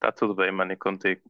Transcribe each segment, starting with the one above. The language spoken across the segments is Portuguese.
Tá tudo bem, mano, e contigo?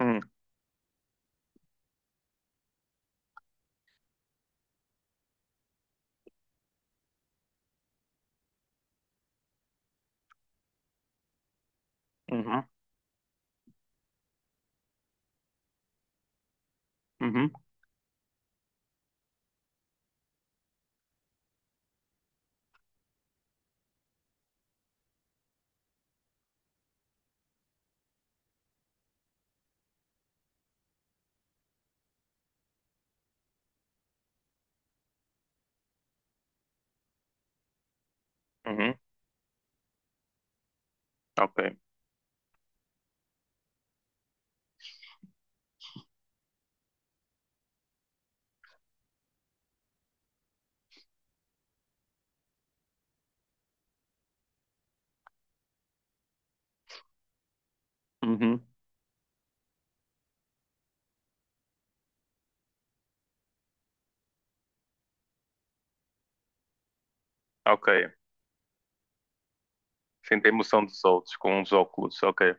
Hum. Uhum. Uhum. Uhum. Ok. Uhum. Ok. Sinto a emoção dos outros com os óculos, ok.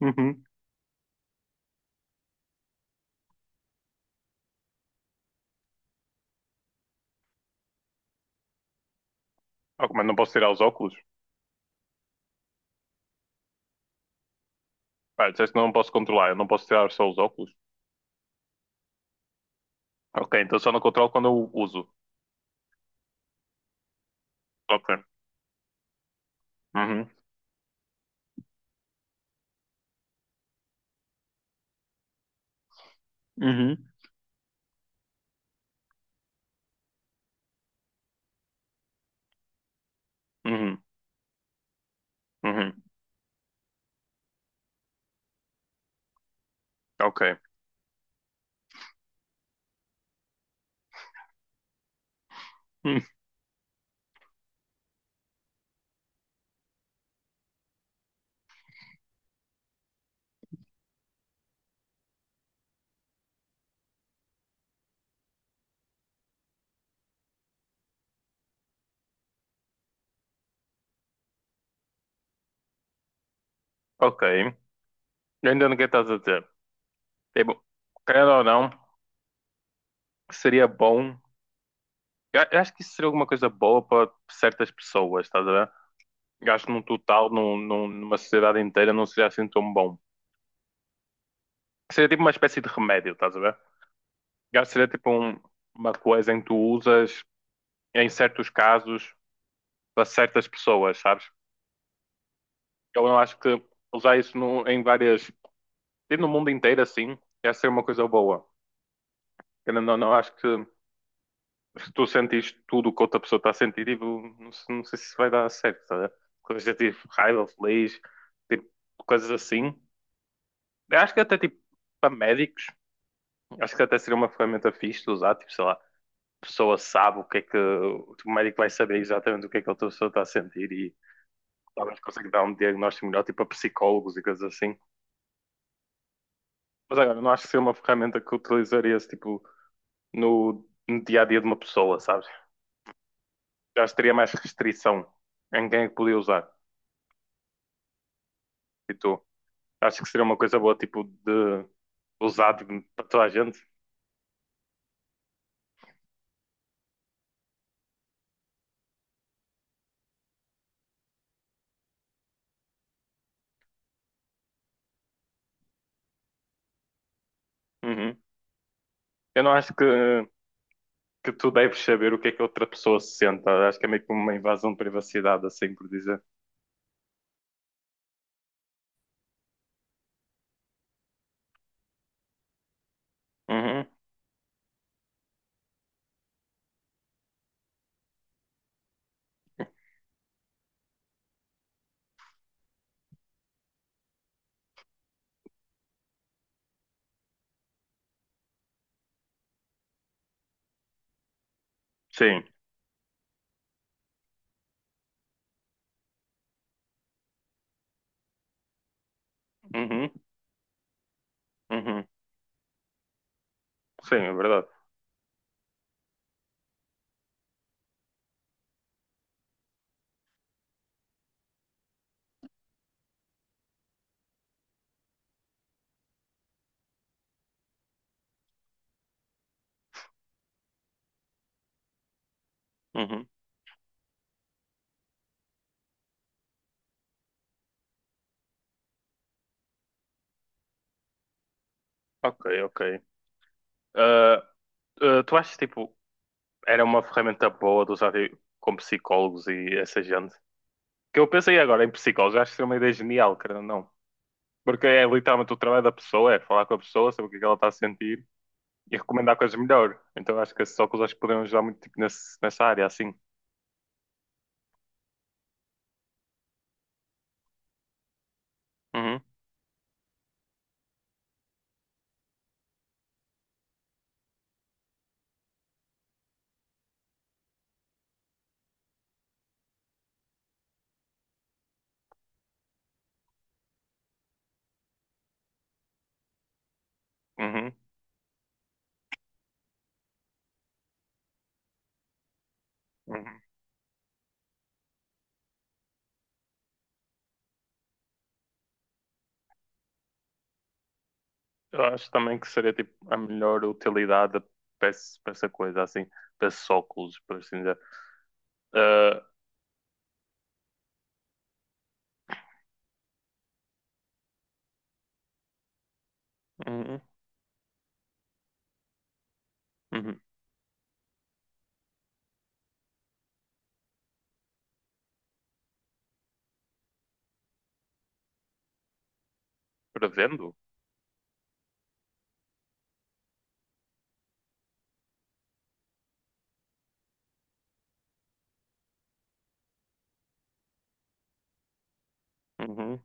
Uhum. Ok, mas não posso tirar os óculos? Ah, disseste que não posso controlar, eu não posso tirar só os óculos. Ok, então só não controlo quando eu uso. Ok. Uhum. Uhum. Uhum. Uhum. Ok. Hum. Ok. Eu ainda não que estás a dizer. Tipo, querendo ou não, seria bom. Eu acho que isso seria alguma coisa boa para certas pessoas, estás a ver? Gasto num total, numa sociedade inteira, não seria assim tão bom. Seria tipo uma espécie de remédio, estás a ver? Gasto seria tipo uma coisa em que tu usas em certos casos para certas pessoas, sabes? Eu não acho que usar isso em várias. Tipo no mundo inteiro assim, ia ser uma coisa boa. Eu não acho que se tu sentires tudo o que outra pessoa está a sentir, tipo, não, não sei se vai dar certo, estás a ver? Coisas de tipo raiva, feliz, tipo, coisas assim. Eu acho que até tipo para médicos. Acho que até seria uma ferramenta fixe de usar, tipo, sei lá, a pessoa sabe o que é que o médico vai saber exatamente o que é que a pessoa está a sentir e talvez consegue dar um diagnóstico melhor, tipo, a psicólogos e coisas assim. Mas agora, não acho que seria uma ferramenta que utilizaria-se, tipo, no dia a dia de uma pessoa, sabes? Eu acho que teria mais restrição em quem é que podia usar. E tu? Acho que seria uma coisa boa, tipo, de usar tipo, para toda a gente. Uhum. Eu não acho que que tu deves saber o que é que a outra pessoa se sente. Acho que é meio que uma invasão de privacidade, assim por dizer. Uhum. Sim. Uhum. Uhum. Sim, é verdade. Uhum. Ok, ok. Ah, ah, tu achas, tipo, era uma ferramenta boa de usar tipo, com psicólogos e essa gente? Que eu pensei agora em psicólogos, acho que é uma ideia genial, querendo ou não. Porque é literalmente o trabalho da pessoa, é falar com a pessoa, saber o que é que ela está a sentir e recomendar coisas melhor. Então acho que esses óculos acho que poderiam ajudar muito tipo, nessa área, assim. Uhum. Uhum. Uhum. Eu acho também que seria tipo a melhor utilidade para para essa coisa, assim, para esses óculos, por assim dizer. Ah. Uhum. Uhum. Prevendo? Uhum.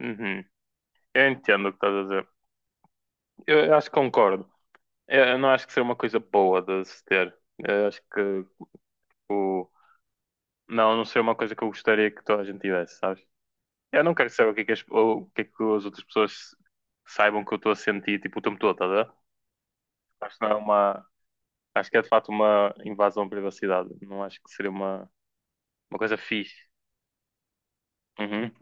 Uhum. Eu entendo o que estás a dizer. Eu acho que concordo. Eu não acho que seria uma coisa boa de se ter. Eu acho que o. Não, não seria uma coisa que eu gostaria que toda a gente tivesse, sabes? Eu não quero saber o que é que as outras pessoas saibam que eu estou a sentir, tipo, o tempo todo, estás a ver? Acho que não é uma. Acho que é de facto uma invasão à privacidade. Não acho que seria uma coisa fixe. Uhum.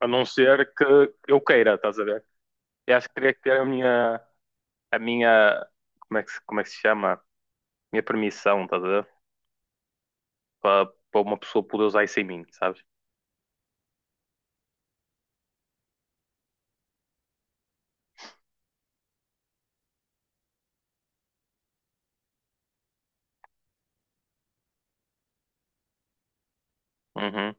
A não ser que eu queira, estás a ver? Eu acho que teria que ter a minha, como é que, como é que se chama? Minha permissão, estás a ver? Para uma pessoa poder usar isso em mim, sabes? Uhum.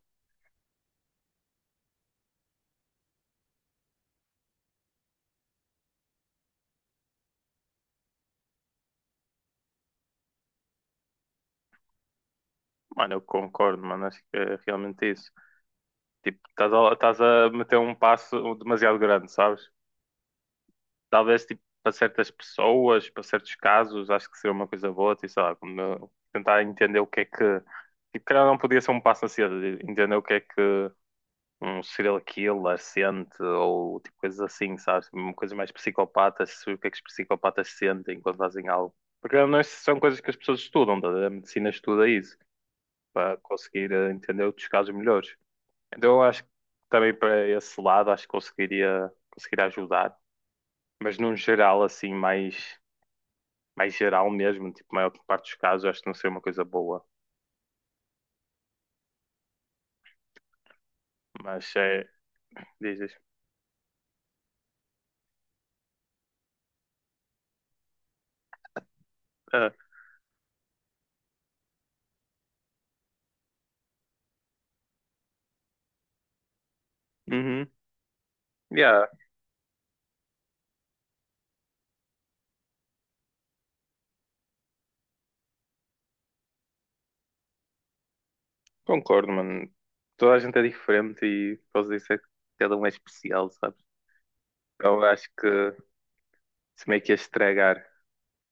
Mano, eu concordo, mano. Acho que é realmente isso. Tipo, estás a meter um passo demasiado grande, sabes? Talvez tipo para certas pessoas, para certos casos, acho que seria uma coisa boa, tipo, sei lá, como tentar entender o que é que. Tipo, calhar não podia ser um passo a ser, entender o que é que um serial killer sente ou tipo coisas assim, sabes? Uma coisa mais psicopatas, o que é que os psicopatas sentem quando fazem algo. Porque não é- são coisas que as pessoas estudam, tá? A medicina estuda isso, para conseguir entender outros casos melhores. Então eu acho que também para esse lado acho que conseguiria ajudar. Mas num geral assim mais geral mesmo, tipo, a maior parte dos casos, acho que não seria uma coisa boa. Mas é, dizes. Ah. Uhum. Yeah, concordo, mano. Toda a gente é diferente e posso dizer que cada um é especial, sabes? Eu acho que se meio que ia estragar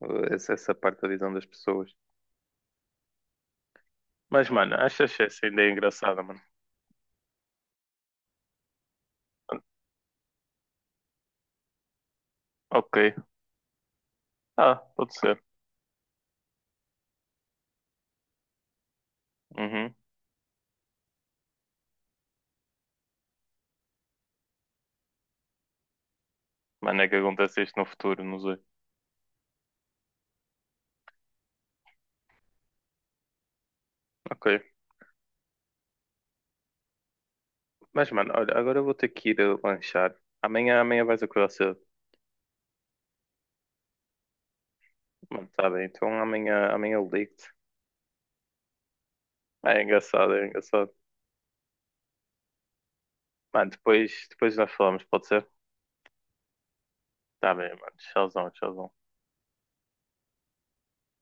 essa parte da visão das pessoas. Mas, mano, acho que essa ideia engraçada, mano. Ok. Ah, pode ser. Uhum. Mano, é que acontece isto no futuro, não sei. Ok. Mas, mano, olha, agora eu vou ter que ir lanchar. Amanhã vais acordar cedo. Mano, tá bem. Então amanhã eu ligo-te. É engraçado, é engraçado. Mano, depois nós falamos, pode ser? Tá bem, mano. Tchauzão, tchauzão.